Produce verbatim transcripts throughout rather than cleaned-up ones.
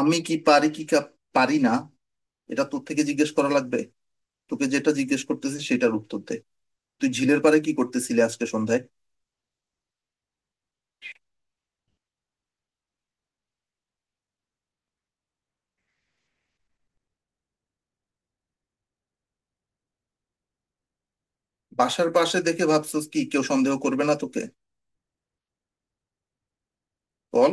আমি কি পারি কি কা- পারি না। এটা তোর থেকে জিজ্ঞেস করা লাগবে? তোকে যেটা জিজ্ঞেস করতেছি সেটার উত্তর দে। তুই ঝিলের পাড়ে কি করতেছিলি আজকে সন্ধ্যায়? বাসার পাশে দেখে ভাবছস কি কেউ সন্দেহ করবে না তোকে? বল।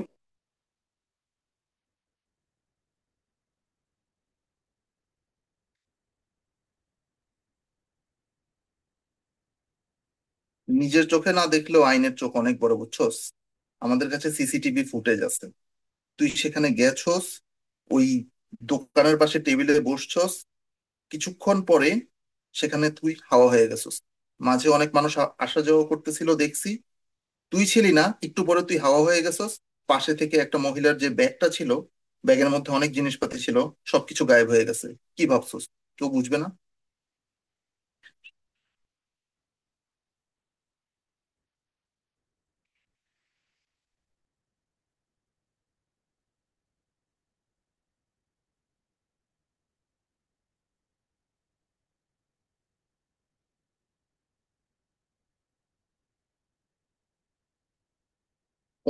নিজের চোখে না দেখলেও আইনের চোখ অনেক বড় বুঝছস। আমাদের কাছে সিসিটিভি ফুটেজ আছে। তুই সেখানে গেছস, ওই দোকানের পাশে টেবিলে বসছস। কিছুক্ষণ পরে সেখানে তুই হাওয়া হয়ে গেছস। মাঝে অনেক মানুষ আ- আসা যাওয়া করতেছিল দেখছি। তুই ছিলি না, একটু পরে তুই হাওয়া হয়ে গেছস। পাশে থেকে একটা মহিলার যে ব্যাগটা ছিল, ব্যাগের মধ্যে অনেক জিনিসপাতি ছিল, সবকিছু গায়েব হয়ে গেছে। কি ভাবছস কেউ বুঝবে না?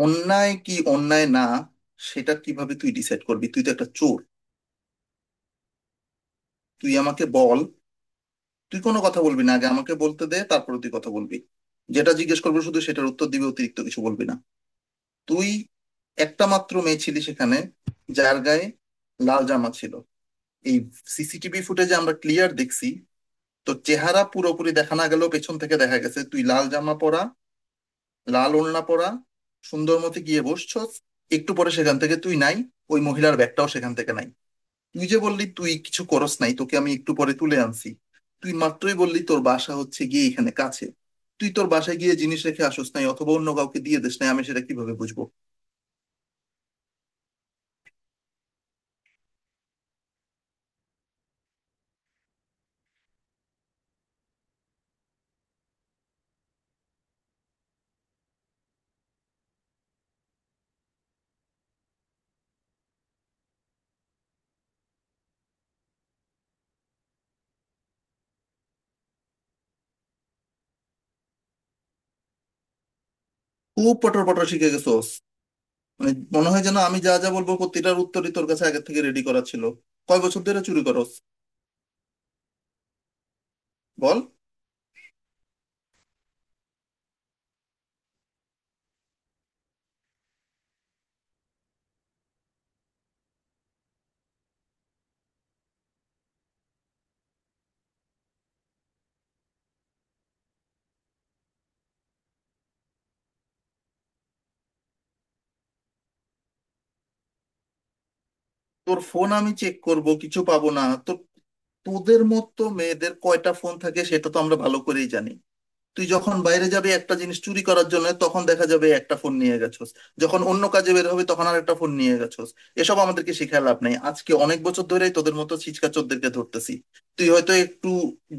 অন্যায় কি অন্যায় না, সেটা কিভাবে তুই ডিসাইড করবি? তুই তো একটা চোর। তুই আমাকে বল। তুই কোনো কথা বলবি না, আগে আমাকে বলতে দে, তারপরে তুই কথা বলবি। যেটা জিজ্ঞেস করবো শুধু সেটার উত্তর দিবি, অতিরিক্ত কিছু বলবি না। তুই একটা মাত্র মেয়ে ছিলি সেখানে, যার গায়ে লাল জামা ছিল। এই সিসিটিভি ফুটেজে আমরা ক্লিয়ার দেখছি। তো চেহারা পুরোপুরি দেখা না গেলেও পেছন থেকে দেখা গেছে তুই লাল জামা পরা, লাল ওড়না পরা, সুন্দর মতো গিয়ে বসছস। একটু পরে সেখান থেকে তুই নাই, ওই মহিলার ব্যাগটাও সেখান থেকে নাই। তুই যে বললি তুই কিছু করস নাই, তোকে আমি একটু পরে তুলে আনছি। তুই মাত্রই বললি তোর বাসা হচ্ছে গিয়ে এখানে কাছে। তুই তোর বাসায় গিয়ে জিনিস রেখে আসোস নাই অথবা অন্য কাউকে দিয়ে দিস নাই আমি সেটা কিভাবে বুঝবো? খুব পটর পটর শিখে গেছোস। মানে মনে হয় যেন আমি যা যা বলবো প্রতিটার উত্তরই তোর কাছে আগে থেকে রেডি করা ছিল। কয় বছর ধরে চুরি করস? বল। তোর ফোন আমি চেক করব, কিছু পাবো না তো? তোদের মতো মেয়েদের কয়টা ফোন থাকে সেটা তো আমরা ভালো করেই জানি। তুই যখন বাইরে যাবে একটা জিনিস চুরি করার জন্য, তখন দেখা যাবে একটা ফোন নিয়ে গেছোস। যখন অন্য কাজে বের হবে তখন আর একটা ফোন নিয়ে গেছোস। এসব আমাদেরকে শিখায় লাভ নাই, আজকে অনেক বছর ধরেই তোদের মতো ছিচকা চোরদেরকে ধরতেছি। তুই হয়তো একটু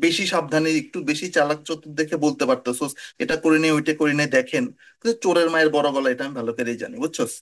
বেশি সাবধানে, একটু বেশি চালাক চতুর দেখে বলতে পারতেছোস এটা করে নে ওইটা করে নে দেখেন, কিন্তু চোরের মায়ের বড় গলা এটা আমি ভালো করেই জানি বুঝছোস।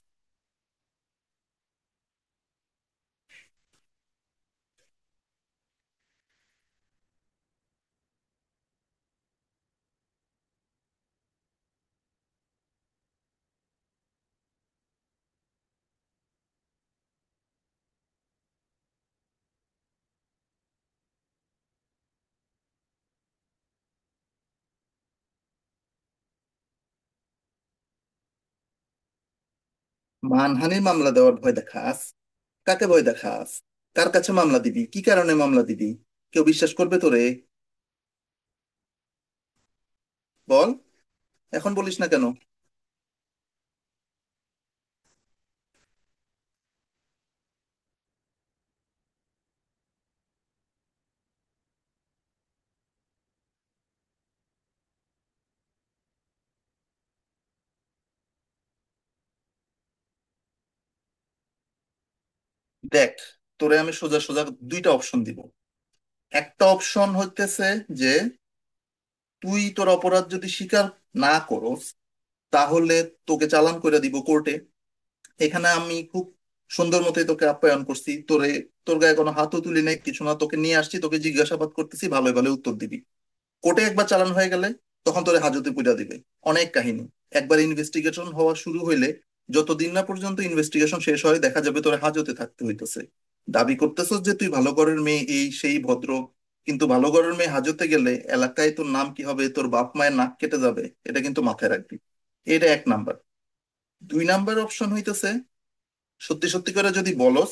মানহানির মামলা দেওয়ার ভয় দেখাস? কাকে ভয় দেখাস? কার কাছে মামলা দিবি, কি কারণে মামলা দিবি? কেউ বিশ্বাস করবে তোরে? বল। এখন বলিস না কেন? দেখ, তোরে আমি সোজা সোজা দুইটা অপশন দিব। একটা অপশন হইতেছে যে তুই তোর অপরাধ যদি স্বীকার না করস, তাহলে তোকে চালান করে দিব কোর্টে। এখানে আমি খুব সুন্দর মতোই তোকে আপ্যায়ন করছি, তোরে তোর গায়ে কোনো হাতও তুলি নাই, কিছু না, তোকে নিয়ে আসছি তোকে জিজ্ঞাসাবাদ করতেছি, ভালো ভালো উত্তর দিবি। কোর্টে একবার চালান হয়ে গেলে তখন তোরে হাজতে পুরা দিবে। অনেক কাহিনী, একবার ইনভেস্টিগেশন হওয়া শুরু হইলে যতদিন না পর্যন্ত ইনভেস্টিগেশন শেষ হয় দেখা যাবে তোরে হাজতে থাকতে হইতেছে। দাবি করতেছস যে তুই ভালো ঘরের মেয়ে, এই সেই, ভদ্র, কিন্তু ভালো ঘরের মেয়ে হাজতে গেলে এলাকায় তোর নাম কি হবে? তোর বাপ মায়ের নাক কেটে যাবে। এটা কিন্তু মাথায় রাখবি। এটা এক নাম্বার। দুই নাম্বার অপশন হইতেছে, সত্যি সত্যি করে যদি বলস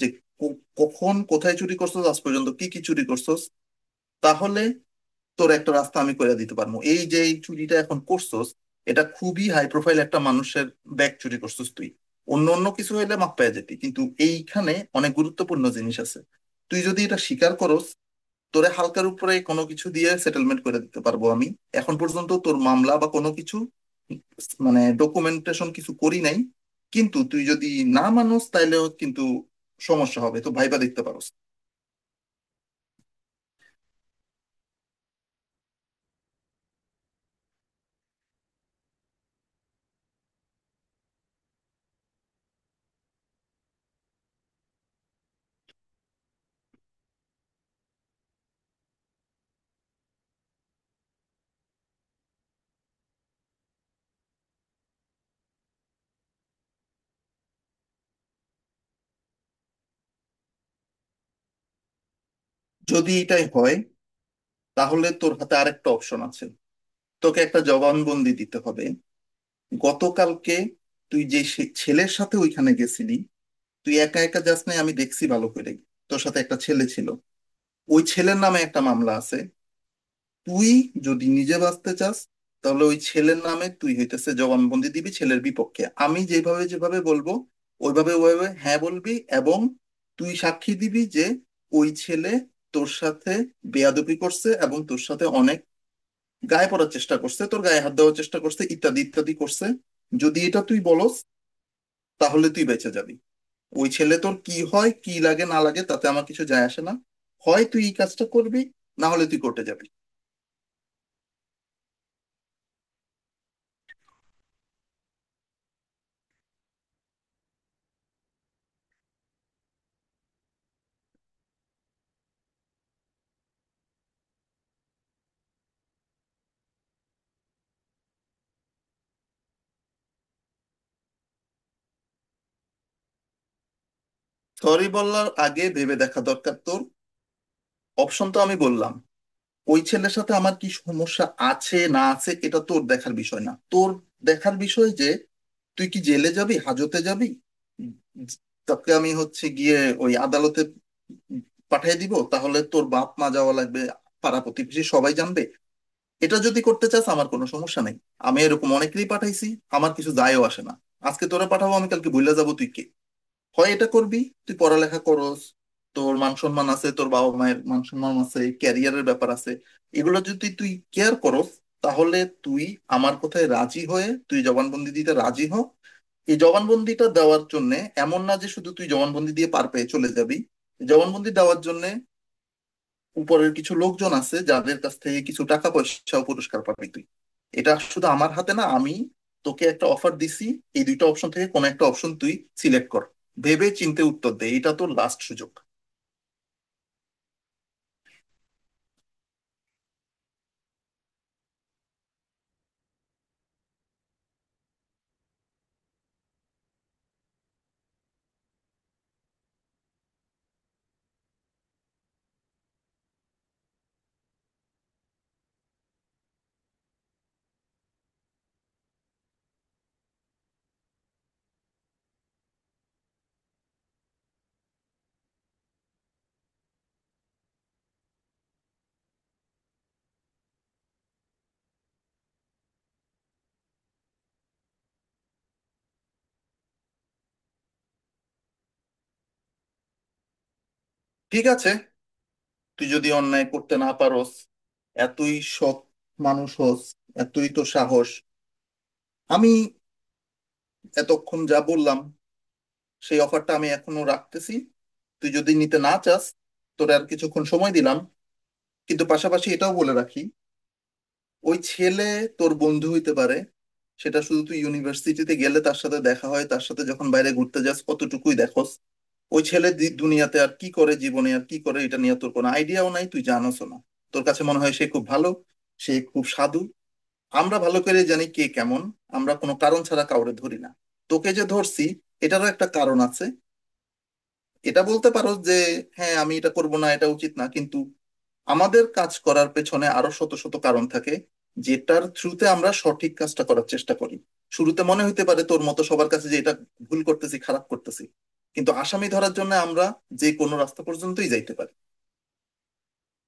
যে ক- কখন কোথায় চুরি করছস, আজ পর্যন্ত কি কি চুরি করছস, তাহলে তোর একটা রাস্তা আমি করে দিতে পারবো। এই যে এই চুরিটা এখন করছস, এটা খুবই হাই প্রোফাইল একটা মানুষের ব্যাগ চুরি করছস তুই। অন্য অন্য কিছু হইলে মাপ পেয়ে যেতি, কিন্তু এইখানে অনেক গুরুত্বপূর্ণ জিনিস আছে। তুই যদি এটা স্বীকার করস, তোরে হালকার উপরে কোনো কিছু দিয়ে সেটেলমেন্ট করে দিতে পারবো আমি। এখন পর্যন্ত তোর মামলা বা কোনো কিছু মানে ডকুমেন্টেশন কিছু করি নাই, কিন্তু তুই যদি না মানোস তাইলেও কিন্তু সমস্যা হবে, তো ভাইবা দেখতে পারোস। যদি এটাই হয়, তাহলে তোর হাতে আরেকটা অপশন আছে। তোকে একটা জবানবন্দি দিতে হবে। গতকালকে তুই যে সে- ছেলের সাথে ওইখানে গেছিলি, তুই একা একা যাস নাই, আমি দেখছি ভালো করে, তোর সাথে একটা ছেলে ছিল। ওই ছেলের নামে একটা মামলা আছে। তুই যদি নিজে বাঁচতে চাস, তাহলে ওই ছেলের নামে তুই হইতেছে জবানবন্দি দিবি, ছেলের বিপক্ষে আমি যেভাবে যেভাবে বলবো ওইভাবে ওইভাবে হ্যাঁ বলবি। এবং তুই সাক্ষী দিবি যে ওই ছেলে তোর সাথে বেয়াদবি করছে এবং তোর সাথে অনেক গায়ে পড়ার চেষ্টা করছে, তোর গায়ে হাত দেওয়ার চেষ্টা করছে, ইত্যাদি ইত্যাদি করছে। যদি এটা তুই বলস, তাহলে তুই বেঁচে যাবি। ওই ছেলে তোর কি হয়, কি লাগে না লাগে, তাতে আমার কিছু যায় আসে না। হয় তুই এই কাজটা করবি, না হলে তুই কোর্টে যাবি। সরি বলার আগে ভেবে দেখা দরকার তোর। অপশন তো আমি বললাম। ওই ছেলের সাথে আমার কি সমস্যা আছে না আছে এটা তোর দেখার বিষয় না। তোর দেখার বিষয় যে তুই কি জেলে যাবি, হাজতে যাবি। তোকে আমি হচ্ছে গিয়ে ওই আদালতে পাঠিয়ে দিব, তাহলে তোর বাপ মা যাওয়া লাগবে, পাড়া প্রতিবেশী সবাই জানবে। এটা যদি করতে চাস আমার কোনো সমস্যা নেই। আমি এরকম অনেকেরই পাঠাইছি, আমার কিছু যায়ও আসে না। আজকে তোরা পাঠাবো, আমি কালকে ভুলে যাবো তুই কে। হয় এটা করবি। তুই পড়ালেখা করস, তোর মান সম্মান আছে, তোর বাবা মায়ের মান সম্মান আছে, ক্যারিয়ারের ব্যাপার আছে, এগুলো যদি তুই কেয়ার করস, তাহলে তুই আমার কথায় রাজি হয়ে তুই জবানবন্দি দিতে রাজি হ। এই জবানবন্দিটা দেওয়ার জন্য এমন না যে শুধু তুই জবানবন্দি দিয়ে পার পেয়ে চলে যাবি, জবানবন্দি দেওয়ার জন্য উপরের কিছু লোকজন আছে যাদের কাছ থেকে কিছু টাকা পয়সা ও পুরস্কার পাবি তুই। এটা শুধু আমার হাতে না। আমি তোকে একটা অফার দিছি। এই দুইটা অপশন থেকে কোন একটা অপশন তুই সিলেক্ট কর। ভেবে চিন্তে উত্তর দে, এটা তোর লাস্ট সুযোগ। ঠিক আছে, তুই যদি অন্যায় করতে না পারোস, এতই সৎ মানুষ হোস, এতই তো সাহস, আমি এতক্ষণ যা বললাম সেই অফারটা আমি এখনো রাখতেছি। তুই যদি নিতে না চাস, তোর আর কিছুক্ষণ সময় দিলাম। কিন্তু পাশাপাশি এটাও বলে রাখি, ওই ছেলে তোর বন্ধু হইতে পারে, সেটা শুধু তুই ইউনিভার্সিটিতে গেলে তার সাথে দেখা হয়, তার সাথে যখন বাইরে ঘুরতে যাস, কতটুকুই দেখোস? ওই ছেলে দি- দুনিয়াতে আর কি করে, জীবনে আর কি করে, এটা নিয়ে তোর কোনো আইডিয়াও নাই, তুই জানোস না। তোর কাছে মনে হয় সে খুব ভালো, সে খুব সাধু। আমরা ভালো করে জানি কে কেমন। আমরা কোনো কারণ ছাড়া কাউরে ধরি না। তোকে যে ধরছি, এটারও একটা কারণ আছে। এটা বলতে পারো যে হ্যাঁ আমি এটা করব না, এটা উচিত না, কিন্তু আমাদের কাজ করার পেছনে আরো শত শত কারণ থাকে যেটার থ্রুতে আমরা সঠিক কাজটা করার চেষ্টা করি। শুরুতে মনে হইতে পারে তোর মতো সবার কাছে যে এটা ভুল করতেছি, খারাপ করতেছি, কিন্তু আসামি ধরার জন্য আমরা যে কোনো রাস্তা পর্যন্তই যাইতে পারি।